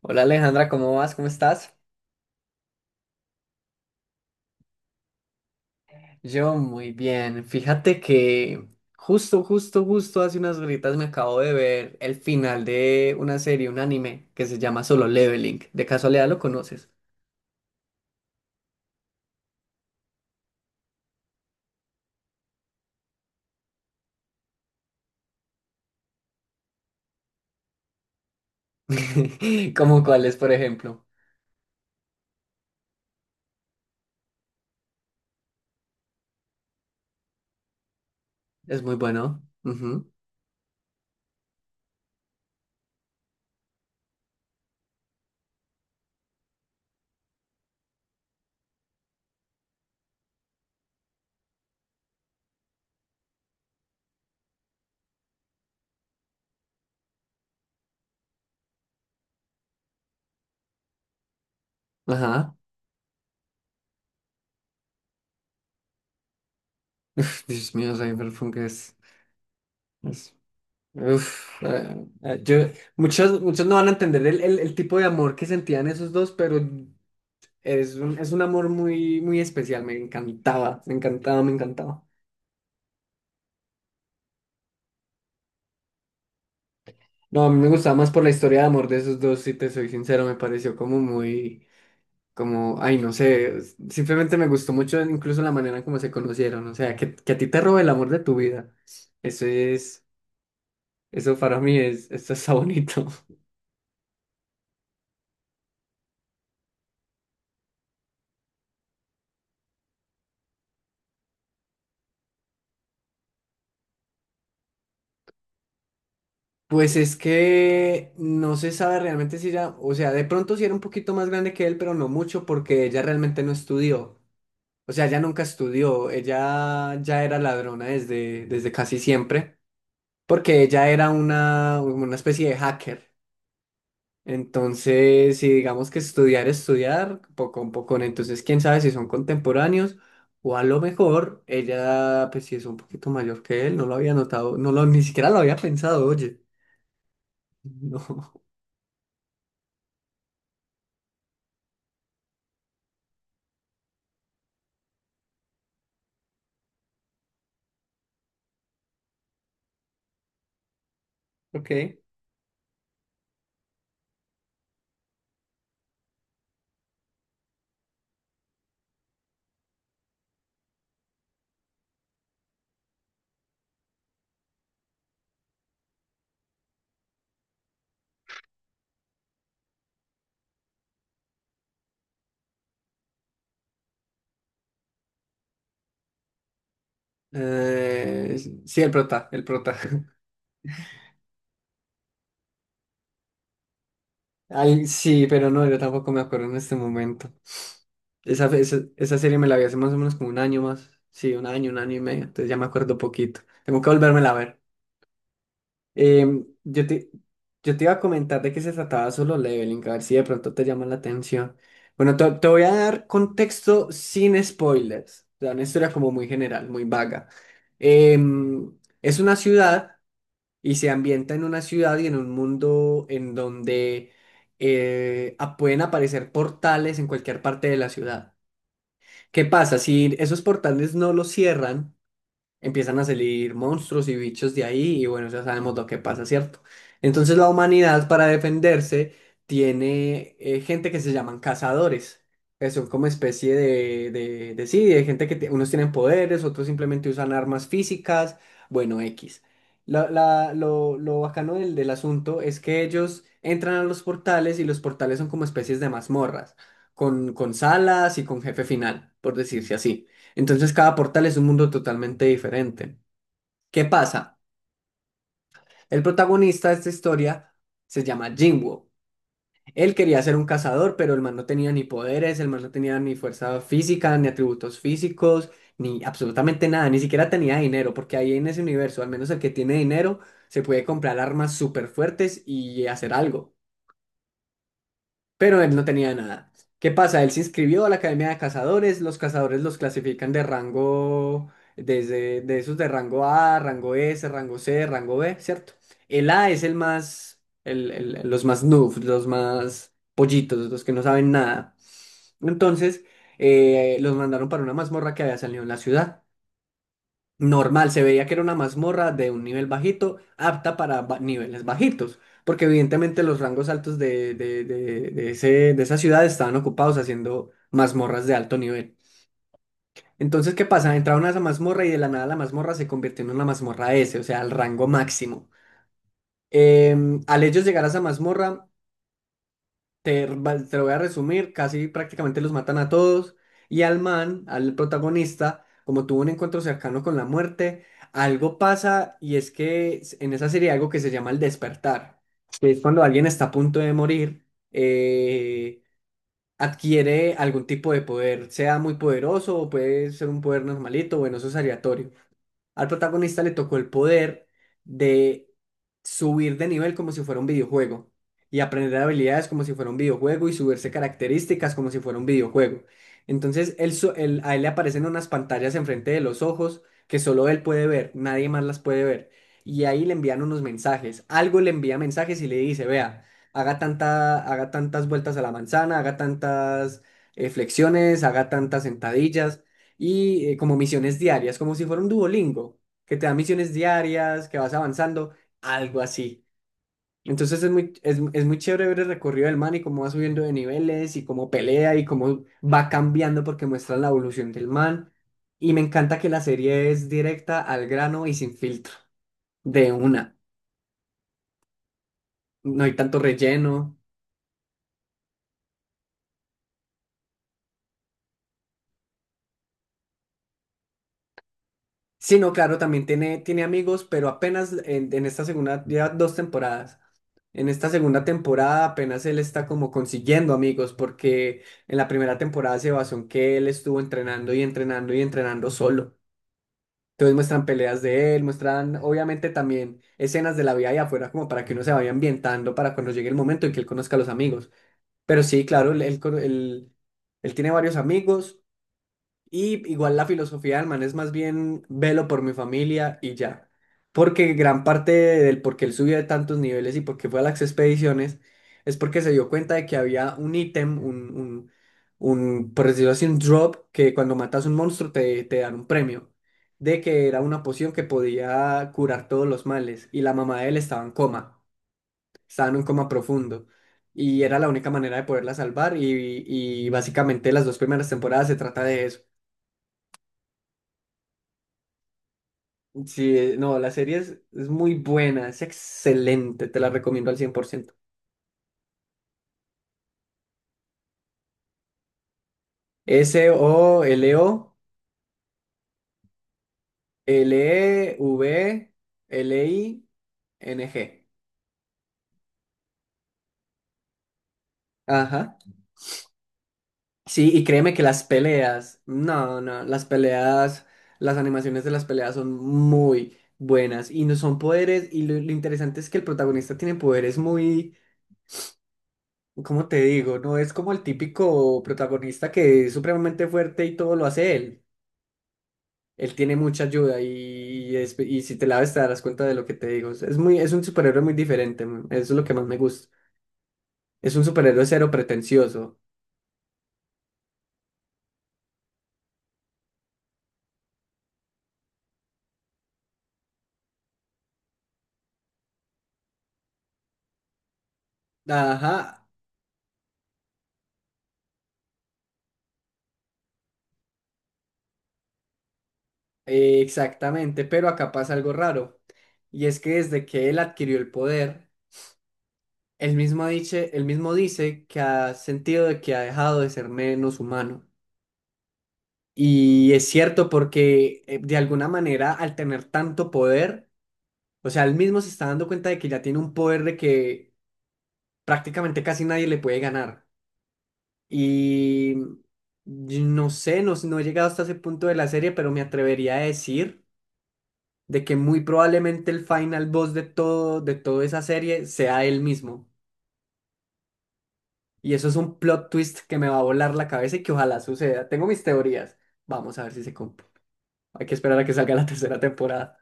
Hola Alejandra, ¿cómo vas? ¿Cómo estás? Yo muy bien. Fíjate que justo hace unas gritas me acabo de ver el final de una serie, un anime que se llama Solo Leveling. ¿De casualidad lo conoces? ¿Como cuáles, por ejemplo? Es muy bueno. Ujú. Ajá. Uf, Dios mío, Cyberpunk es... es- Uf, muchos no van a entender el tipo de amor que sentían esos dos, pero es un, es un amor muy, muy especial, me encantaba, me encantaba, me encantaba. No, a mí me gustaba más por la historia de amor de esos dos, si te soy sincero, me pareció como muy, como, ay, no sé, simplemente me gustó mucho incluso la manera en cómo se conocieron, o sea, que a ti te robe el amor de tu vida. Eso es, eso para mí es, esto está bonito. Pues es que no se sabe realmente si ella, o sea, de pronto sí era un poquito más grande que él, pero no mucho porque ella realmente no estudió. O sea, ella nunca estudió, ella ya era ladrona desde casi siempre, porque ella era una especie de hacker. Entonces, si digamos que poco a poco, entonces quién sabe si son contemporáneos o a lo mejor ella, pues si es un poquito mayor que él, no lo había notado, no lo, ni siquiera lo había pensado, oye. No, ok. Eh, sí, el prota. Sí, pero no, yo tampoco me acuerdo en este momento. Esa serie me la vi hace más o menos como un año más. Sí, un año y medio. Entonces ya me acuerdo poquito. Tengo que volvérmela a ver. Em, yo te, yo te iba a comentar de qué se trataba Solo Leveling, a ver si de pronto te llama la atención. Bueno, te voy a dar contexto sin spoilers. O sea, una historia como muy general, muy vaga. Es una ciudad y se ambienta en una ciudad y en un mundo en donde pueden aparecer portales en cualquier parte de la ciudad. ¿Qué pasa? Si esos portales no los cierran, empiezan a salir monstruos y bichos de ahí y bueno, ya sabemos lo que pasa, ¿cierto? Entonces la humanidad para defenderse tiene gente que se llaman cazadores, que son como especie de sí, de gente que unos tienen poderes, otros simplemente usan armas físicas, bueno, X. Lo bacano del asunto es que ellos entran a los portales y los portales son como especies de mazmorras, con salas y con jefe final, por decirse así. Entonces cada portal es un mundo totalmente diferente. ¿Qué pasa? El protagonista de esta historia se llama Jinwoo. Él quería ser un cazador, pero el man no tenía ni poderes, el man no tenía ni fuerza física, ni atributos físicos, ni absolutamente nada, ni siquiera tenía dinero, porque ahí en ese universo, al menos el que tiene dinero, se puede comprar armas súper fuertes y hacer algo. Pero él no tenía nada. ¿Qué pasa? Él se inscribió a la Academia de cazadores los clasifican de rango, desde de esos de rango A, rango S, rango C, rango B, ¿cierto? El A es el más, los más noobs, los más pollitos, los que no saben nada. Entonces, los mandaron para una mazmorra que había salido en la ciudad. Normal, se veía que era una mazmorra de un nivel bajito, apta para niveles bajitos, porque evidentemente los rangos altos de ese, de esa ciudad estaban ocupados haciendo mazmorras de alto nivel. Entonces, ¿qué pasa? Entraron a esa mazmorra y de la nada la mazmorra se convirtió en una mazmorra S, o sea, al rango máximo. Al ellos llegar a esa mazmorra, te lo voy a resumir, casi prácticamente los matan a todos y al man, al protagonista, como tuvo un encuentro cercano con la muerte, algo pasa y es que en esa serie hay algo que se llama el despertar, que es cuando alguien está a punto de morir, eh, adquiere algún tipo de poder, sea muy poderoso o puede ser un poder normalito, bueno, eso es aleatorio. Al protagonista le tocó el poder de subir de nivel como si fuera un videojuego y aprender habilidades como si fuera un videojuego y subirse características como si fuera un videojuego. Entonces, a él le aparecen unas pantallas enfrente de los ojos que solo él puede ver, nadie más las puede ver. Y ahí le envían unos mensajes. Algo le envía mensajes y le dice, vea, haga tantas vueltas a la manzana, haga tantas flexiones, haga tantas sentadillas y como misiones diarias, como si fuera un Duolingo, que te da misiones diarias, que vas avanzando algo así. Entonces es muy chévere ver el recorrido del man y cómo va subiendo de niveles y cómo pelea y cómo va cambiando porque muestra la evolución del man. Y me encanta que la serie es directa al grano y sin filtro, de una. No hay tanto relleno. Sí, no, claro, también tiene, tiene amigos, pero apenas en esta segunda, ya dos temporadas. En esta segunda temporada apenas él está como consiguiendo amigos porque en la primera temporada se basó en que él estuvo entrenando y entrenando y entrenando solo. Entonces muestran peleas de él, muestran obviamente también escenas de la vida allá afuera como para que uno se vaya ambientando para cuando llegue el momento en que él conozca a los amigos. Pero sí, claro, él tiene varios amigos y igual la filosofía del man es más bien velo por mi familia y ya. Porque gran parte del por qué él subió de tantos niveles y por qué fue a las expediciones es porque se dio cuenta de que había un ítem, por decirlo así, un drop, que cuando matas un monstruo te dan un premio. De que era una poción que podía curar todos los males. Y la mamá de él estaba en coma, estaba en un coma profundo. Y era la única manera de poderla salvar. Y básicamente las dos primeras temporadas se trata de eso. Sí, no, es muy buena, es excelente, te la recomiendo al 100%. Sololevling. Ajá. Sí, y créeme que las peleas, no, no, las peleas, las animaciones de las peleas son muy buenas y no son poderes y lo interesante es que el protagonista tiene poderes muy, ¿cómo te digo? No es como el típico protagonista que es supremamente fuerte y todo lo hace él. Él tiene mucha ayuda y, y si te la ves te darás cuenta de lo que te digo. Es un superhéroe muy diferente, eso es lo que más me gusta. Es un superhéroe cero pretencioso. Ajá, exactamente, pero acá pasa algo raro. Y es que desde que él adquirió el poder, él mismo dice que ha sentido de que ha dejado de ser menos humano. Y es cierto porque de alguna manera al tener tanto poder, o sea, él mismo se está dando cuenta de que ya tiene un poder de que prácticamente casi nadie le puede ganar. Y yo no sé, no he llegado hasta ese punto de la serie, pero me atrevería a decir de que muy probablemente el final boss de todo, de toda esa serie sea él mismo. Y eso es un plot twist que me va a volar la cabeza y que ojalá suceda. Tengo mis teorías. Vamos a ver si se cumple. Hay que esperar a que salga la tercera temporada.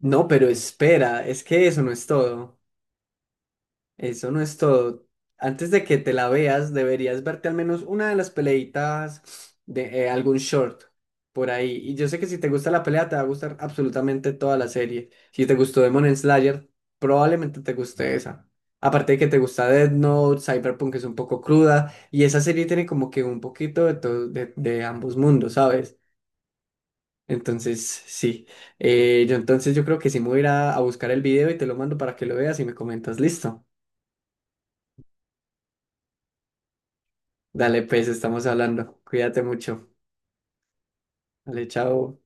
No, pero espera, es que eso no es todo. Eso no es todo. Antes de que te la veas, deberías verte al menos una de las peleitas de algún short por ahí. Y yo sé que si te gusta la pelea, te va a gustar absolutamente toda la serie. Si te gustó Demon Slayer, probablemente te guste esa. Aparte de que te gusta Death Note, Cyberpunk es un poco cruda. Y esa serie tiene como que un poquito de, de ambos mundos, ¿sabes? Entonces, sí. Yo creo que sí me voy a ir a buscar el video y te lo mando para que lo veas y me comentas, listo. Dale, pues, estamos hablando. Cuídate mucho. Dale, chao.